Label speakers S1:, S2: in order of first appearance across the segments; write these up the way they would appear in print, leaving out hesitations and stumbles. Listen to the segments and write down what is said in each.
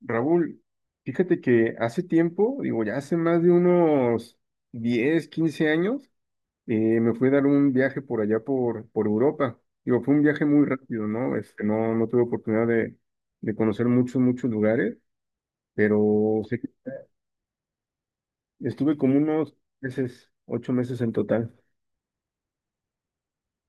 S1: Raúl, fíjate que hace tiempo, digo, ya hace más de unos 10 15 años, me fui a dar un viaje por allá por Europa. Digo, fue un viaje muy rápido, ¿no? Este, no, no tuve oportunidad de conocer muchos, muchos lugares, pero sí, estuve como unos meses, 8 meses en total.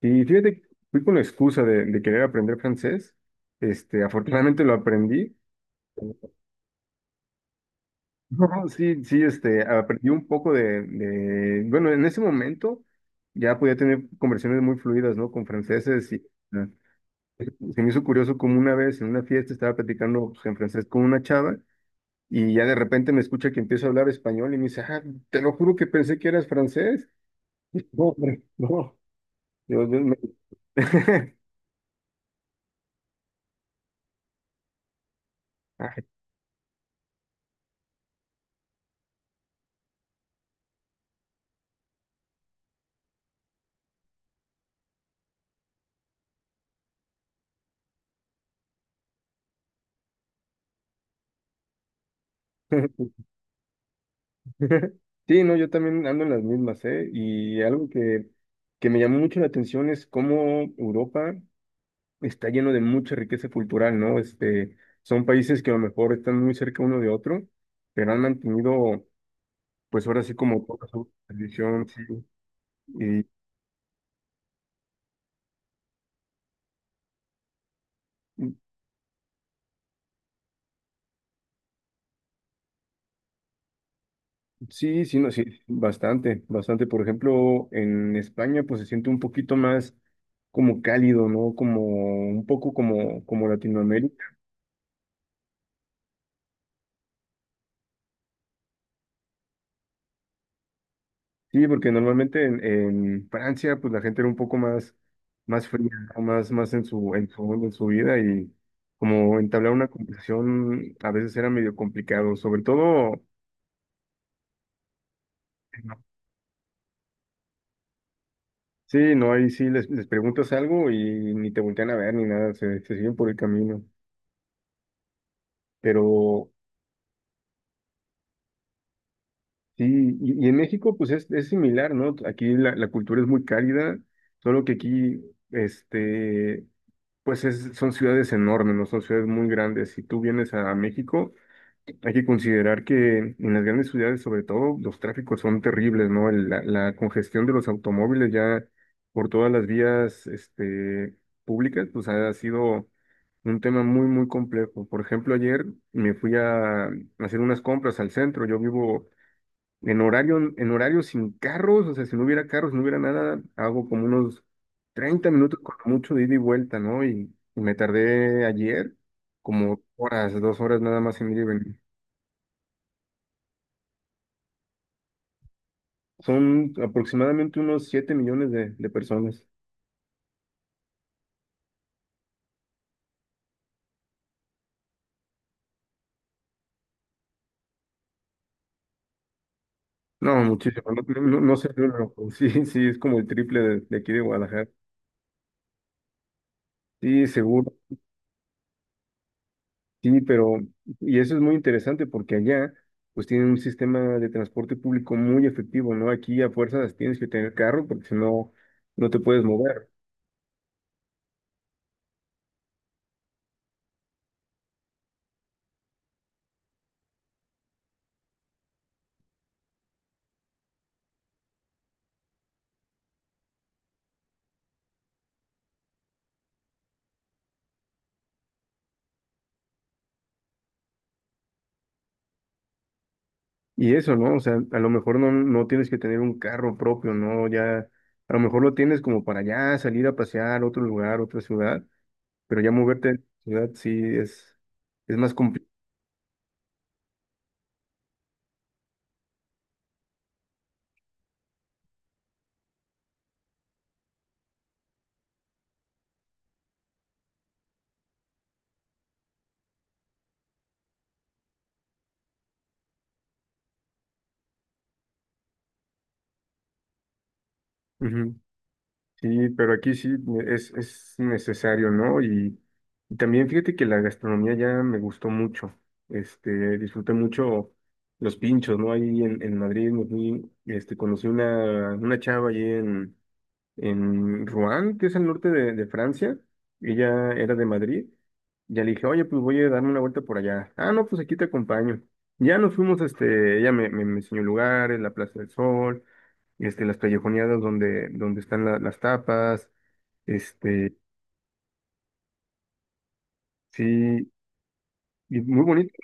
S1: Y fíjate, fui con la excusa de querer aprender francés. Este, afortunadamente lo aprendí. No, sí, sí, este, aprendí un poco de, bueno, en ese momento ya podía tener conversaciones muy fluidas, ¿no? Con franceses y ah, se me hizo curioso como una vez en una fiesta estaba platicando pues, en francés con una chava y ya de repente me escucha que empiezo a hablar español y me dice, ah, te lo juro que pensé que eras francés. Y no, hombre, no. Yo- yo me- Ay. Sí, no, yo también ando en las mismas, ¿eh? Y algo que me llamó mucho la atención es cómo Europa está lleno de mucha riqueza cultural, ¿no? Este, son países que a lo mejor están muy cerca uno de otro, pero han mantenido, pues ahora sí como toda su tradición, sí, y y sí, sí, no, sí, bastante, bastante. Por ejemplo, en España, pues se siente un poquito más como cálido, ¿no? Como un poco como Latinoamérica. Sí, porque normalmente en Francia, pues la gente era un poco más, más fría, ¿no? Más, más en su, en su onda, en su vida y como entablar una conversación a veces era medio complicado, sobre todo, sí, no, ahí sí les preguntas algo y ni te voltean a ver ni nada, se siguen por el camino. Pero sí, y en México pues es similar, ¿no? Aquí la cultura es muy cálida, solo que aquí, este... pues es- son ciudades enormes, ¿no? Son ciudades muy grandes. Si tú vienes a México, hay que considerar que en las grandes ciudades, sobre todo, los tráficos son terribles, ¿no? La congestión de los automóviles ya por todas las vías, este, públicas, pues ha sido un tema muy, muy complejo. Por ejemplo, ayer me fui a hacer unas compras al centro. Yo vivo en horario sin carros, o sea, si no hubiera carros, si no hubiera nada, hago como unos 30 minutos con mucho de ida y vuelta, ¿no? Y me tardé ayer como horas, 2 horas nada más en ir y venir. Son aproximadamente unos 7 millones de personas. No, muchísimo, no, no, no sé el número, pero sí, sí, es como el triple de aquí de Guadalajara. Sí, seguro. Sí, pero, y eso es muy interesante porque allá, pues tienen un sistema de transporte público muy efectivo, ¿no? Aquí a fuerzas tienes que tener carro porque si no, no te puedes mover. Y eso, ¿no? O sea, a lo mejor no, no tienes que tener un carro propio, ¿no? Ya, a lo mejor lo tienes como para allá, salir a pasear a otro lugar, otra ciudad, pero ya moverte de ciudad sí es, es más complicado. Sí, pero aquí sí es necesario, ¿no? Y también fíjate que la gastronomía ya me gustó mucho. Este, disfruté mucho los pinchos, ¿no? Ahí en Madrid, me fui, este, conocí una chava allí en Rouen, que es al norte de Francia. Ella era de Madrid. Ya le dije, oye, pues voy a darme una vuelta por allá. Ah, no, pues aquí te acompaño. Ya nos fuimos, este, ella me, me enseñó lugares, la Plaza del Sol, este, las callejoneadas donde, donde están las tapas, este, sí, y muy bonito.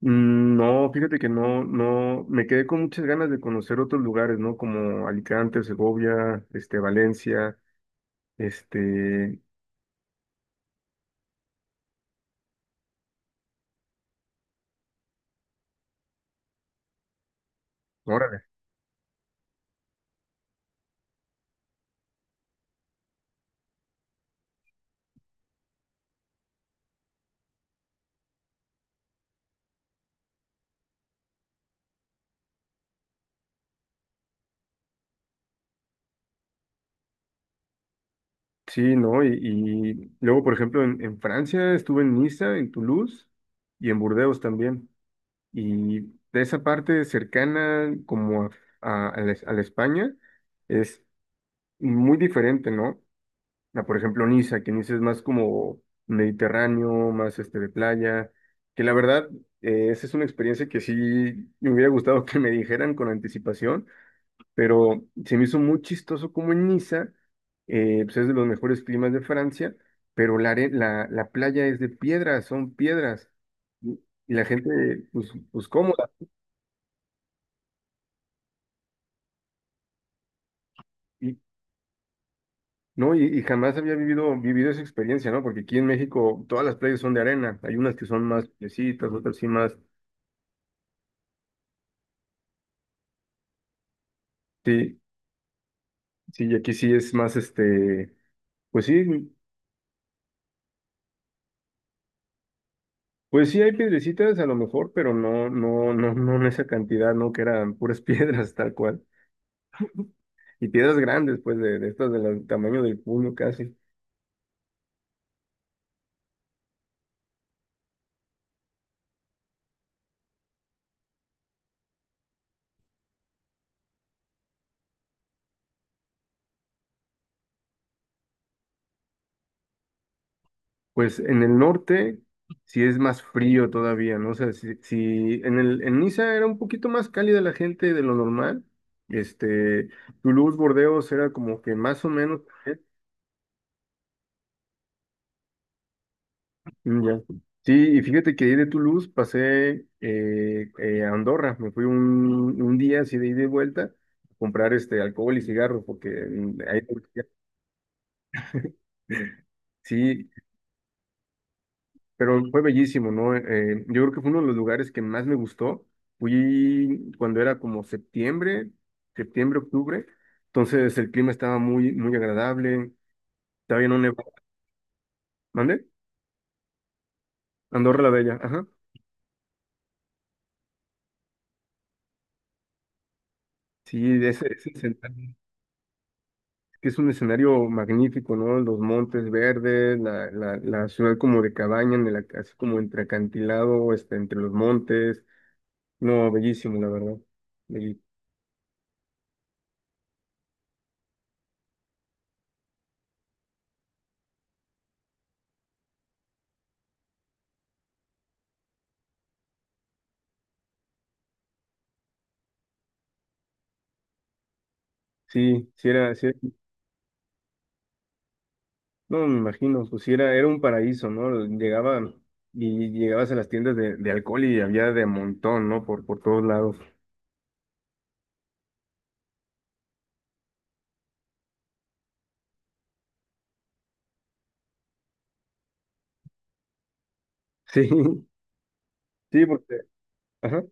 S1: No, fíjate que no, no, me quedé con muchas ganas de conocer otros lugares, ¿no? Como Alicante, Segovia, este, Valencia, este, ¿ahora? Sí, ¿no? Y luego, por ejemplo, en Francia estuve en Niza, en Toulouse y en Burdeos también. Y de esa parte cercana como a, a la España es muy diferente, ¿no? A, por ejemplo, Niza, que Niza es más como mediterráneo, más este de playa, que la verdad, esa es una experiencia que sí me hubiera gustado que me dijeran con anticipación pero se me hizo muy chistoso como en Niza, pues es de los mejores climas de Francia, pero la playa es de piedras, son piedras, y y la gente, pues, pues cómoda, y, ¿no? Y jamás había vivido, vivido esa experiencia, ¿no? Porque aquí en México todas las playas son de arena, hay unas que son más piecitas, otras sí más, sí, sí, y aquí sí es más, este, pues sí. Pues sí, hay piedrecitas a lo mejor, pero no, no, no, no en esa cantidad, ¿no? Que eran puras piedras, tal cual, y piedras grandes, pues de estas del tamaño del puño casi. Pues en el norte sí es más frío todavía, ¿no? O sea, si, si en el, en Niza era un poquito más cálida la gente de lo normal, este, Toulouse, Bordeos era como que más o menos, ya. Sí, y fíjate que ahí de Toulouse pasé a Andorra, me fui un día así de ida y vuelta a comprar este alcohol y cigarros, porque ahí... Sí, pero fue bellísimo, ¿no? Yo creo que fue uno de los lugares que más me gustó. Fui cuando era como septiembre, septiembre, octubre. Entonces el clima estaba muy, muy agradable. Estaba bien un nevado. ¿Mande? Andorra la Bella, ajá. Sí, de ese escenario, que es un escenario magnífico, ¿no? Los montes verdes, la ciudad como de cabaña, en el ac- así como entre acantilado, este, entre los montes. No, bellísimo, la verdad. Belli- Sí, sí era, sí no, me imagino, pues sí, era, era un paraíso, ¿no? Llegaba y llegabas a las tiendas de alcohol y había de montón, ¿no? Por todos lados. Sí, sí, porque, ajá.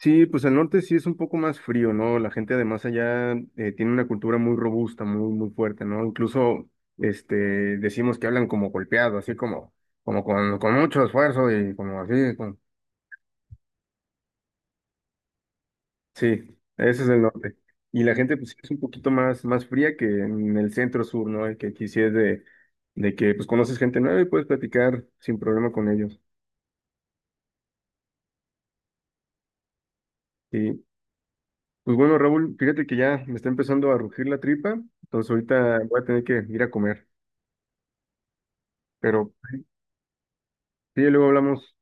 S1: Sí, pues al norte sí es un poco más frío, ¿no? La gente además allá tiene una cultura muy robusta, muy, muy fuerte, ¿no? Incluso, este, decimos que hablan como golpeado, así como, como con mucho esfuerzo y como así, con- Sí, ese es el norte. Y la gente pues sí es un poquito más, más fría que en el centro sur, ¿no? Y que aquí sí es de que pues conoces gente nueva y puedes platicar sin problema con ellos. Y pues bueno, Raúl, fíjate que ya me está empezando a rugir la tripa, entonces ahorita voy a tener que ir a comer. Pero sí, luego hablamos.